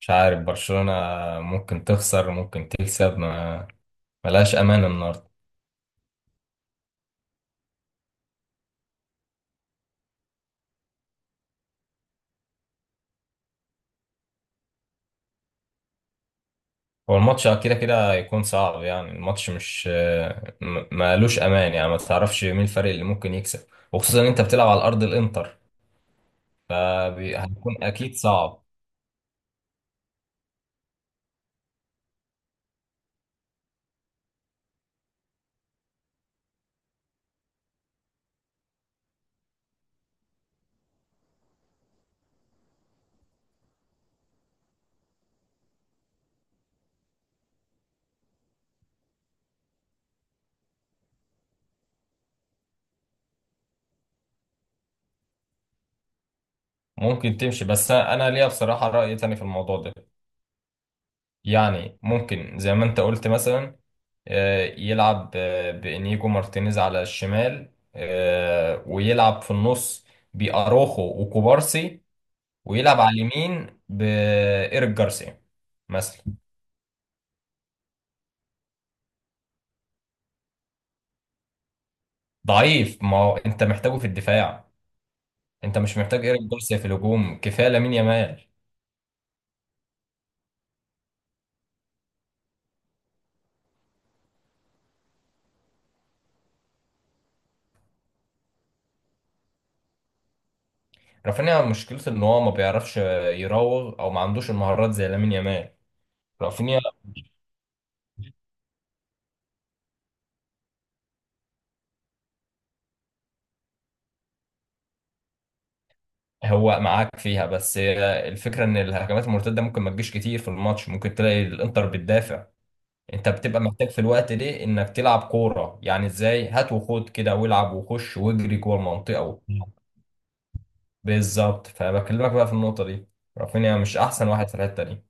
مش عارف، برشلونة ممكن تخسر ممكن تكسب. ما ملهاش أمان النهاردة. هو الماتش كده كده هيكون صعب، يعني الماتش مش مالوش أمان، يعني ما تعرفش مين الفريق اللي ممكن يكسب، وخصوصا إن أنت بتلعب على أرض الإنتر، فهيكون أكيد صعب. ممكن تمشي، بس أنا ليا بصراحة رأي تاني في الموضوع ده. يعني ممكن زي ما انت قلت مثلا، يلعب بإنيجو مارتينيز على الشمال، ويلعب في النص بأروخو وكوبارسي، ويلعب على اليمين بإيريك جارسيا مثلا. ضعيف، ما هو انت محتاجه في الدفاع، انت مش محتاج إيريك جارسيا في الهجوم، كفاية لامين يامال. رافينيا مشكلته ان هو ما بيعرفش يراوغ او ما عندوش المهارات زي لامين يامال. رافينيا هو معاك فيها، بس الفكرة ان الهجمات المرتدة ممكن ما تجيش كتير في الماتش، ممكن تلاقي الانتر بتدافع. انت بتبقى محتاج في الوقت ده انك تلعب كورة، يعني ازاي، هات وخد كده والعب وخش واجري جوه المنطقة وبتاع. بالظبط، فبكلمك بقى في النقطة دي، رافينيا مش احسن واحد في الحتة دي.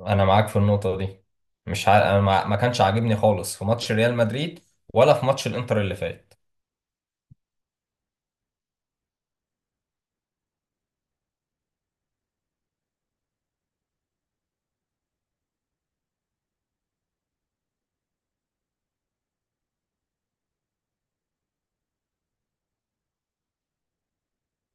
انا معاك في النقطة دي. مش ع... انا ما كانش عاجبني خالص في ماتش ريال مدريد ولا في ماتش الانتر اللي فات.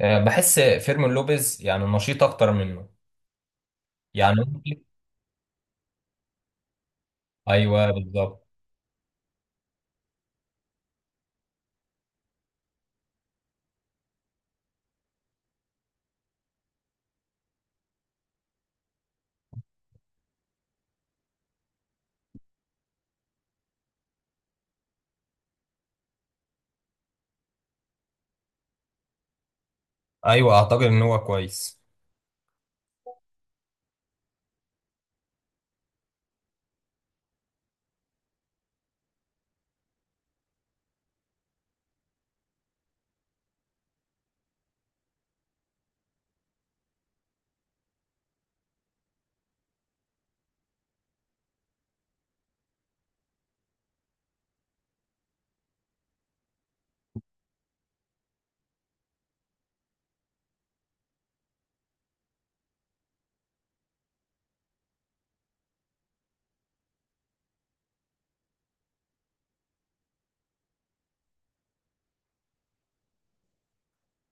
أه، بحس فيرمين لوبيز يعني نشيط اكتر منه يعني. ايوه، بالظبط. ايوه، اعتقد ان هو كويس.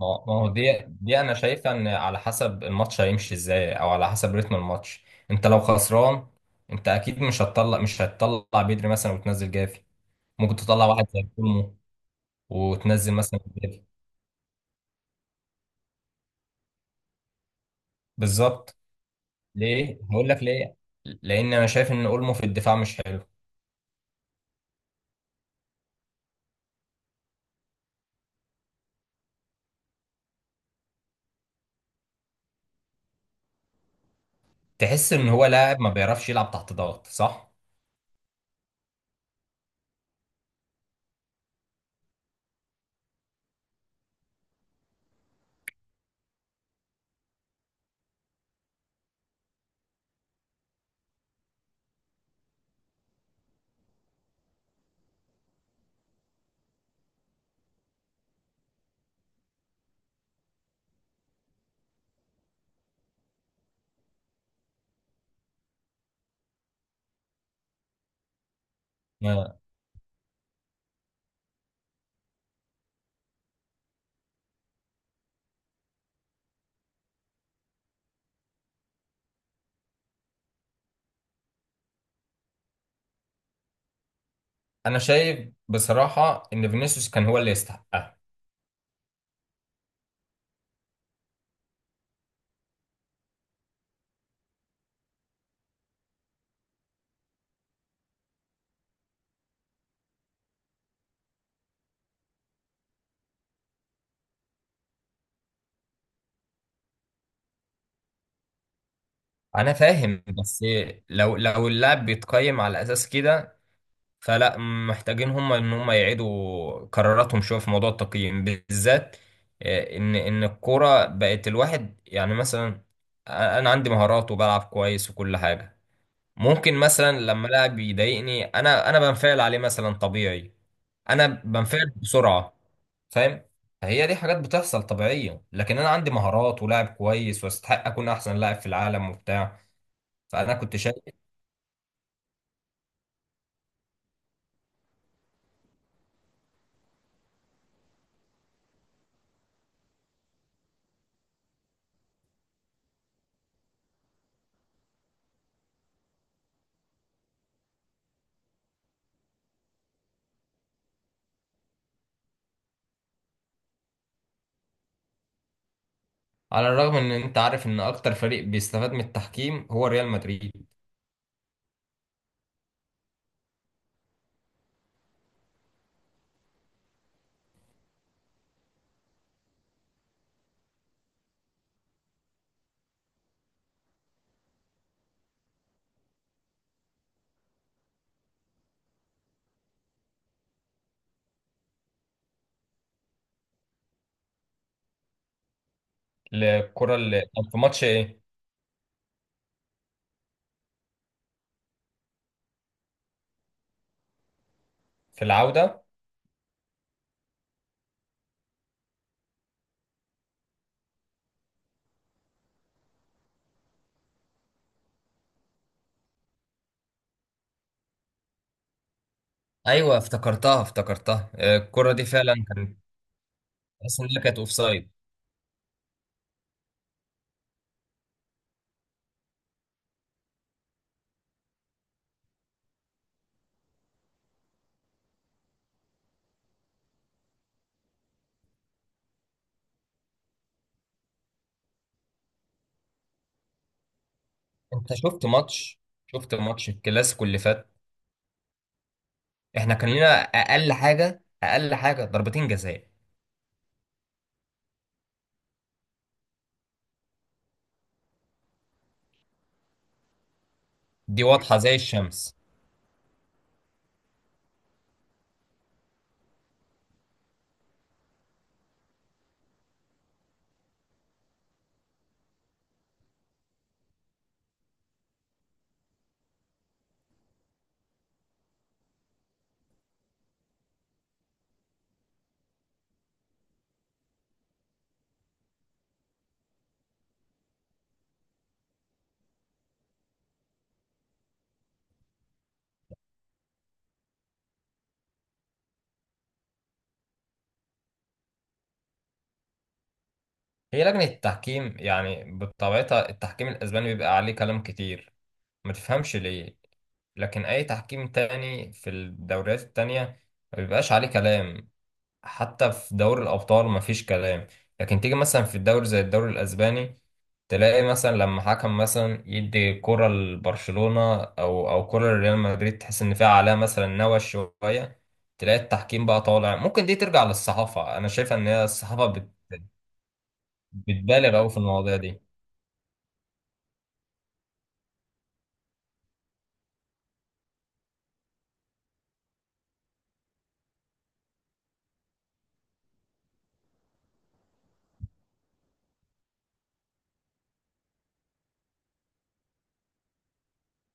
ما هو دي انا شايفها ان على حسب الماتش هيمشي ازاي او على حسب رتم الماتش. انت لو خسران، انت اكيد مش هتطلع بدري مثلا وتنزل جافي. ممكن تطلع واحد زي كولمو وتنزل مثلا جافي. بالظبط. ليه؟ هقول لك ليه. لان انا شايف ان اولمو في الدفاع مش حلو. تحس ان هو لاعب ما بيعرفش يلعب تحت ضغط، صح؟ ما- انا شايف بصراحة ان فينيسيوس كان هو اللي يستحقها. انا فاهم، بس لو اللاعب بيتقيم على اساس كده، فلا، محتاجين هم ان هم يعيدوا قراراتهم شويه في موضوع التقييم بالذات. آه، ان الكوره بقت الواحد يعني مثلا انا عندي مهارات وبلعب كويس وكل حاجه. ممكن مثلا لما لاعب يضايقني انا، بنفعل عليه مثلا طبيعي. انا بنفعل بسرعه، فاهم. هي دي حاجات بتحصل طبيعيه، لكن انا عندي مهارات ولاعب كويس واستحق اكون احسن لاعب في العالم وبتاع. فانا كنت شايف، على الرغم ان انت عارف ان اكتر فريق بيستفاد من التحكيم هو ريال مدريد. الكرة اللي كان في ماتش ايه، في العودة. ايوه، افتكرتها، آه، الكرة دي فعلا كانت، تحس ان هي كانت اوفسايد. انت شفت ماتش، شفت ماتش الكلاسيكو اللي فات؟ احنا كان لنا اقل حاجة، اقل حاجة ضربتين جزاء. دي واضحة زي الشمس. هي لجنة التحكيم، يعني بطبيعتها التحكيم الاسباني بيبقى عليه كلام كتير، ما تفهمش ليه. لكن أي تحكيم تاني في الدوريات التانية ما بيبقاش عليه كلام. حتى في دوري الأبطال ما فيش كلام. لكن تيجي مثلا في الدوري زي الدوري الأسباني، تلاقي مثلا لما حكم مثلا يدي كرة لبرشلونة أو كرة لريال مدريد، تحس إن فيها عليها مثلا نوش شوية، تلاقي التحكيم بقى طالع، ممكن دي ترجع للصحافة. أنا شايف إن هي الصحافة بتبالغ أوي في المواضيع دي.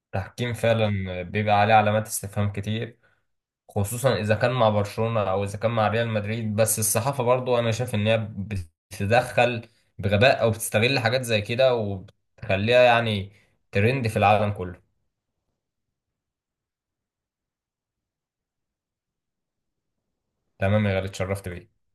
التحكيم فعلا بيبقى عليه علامات استفهام كتير، خصوصا اذا كان مع برشلونة او اذا كان مع ريال مدريد. بس الصحافة برضو انا شايف ان هي بتتدخل بغباء او بتستغل حاجات زي كده وبتخليها يعني ترند في العالم كله. تمام يا غالي، اتشرفت بيك.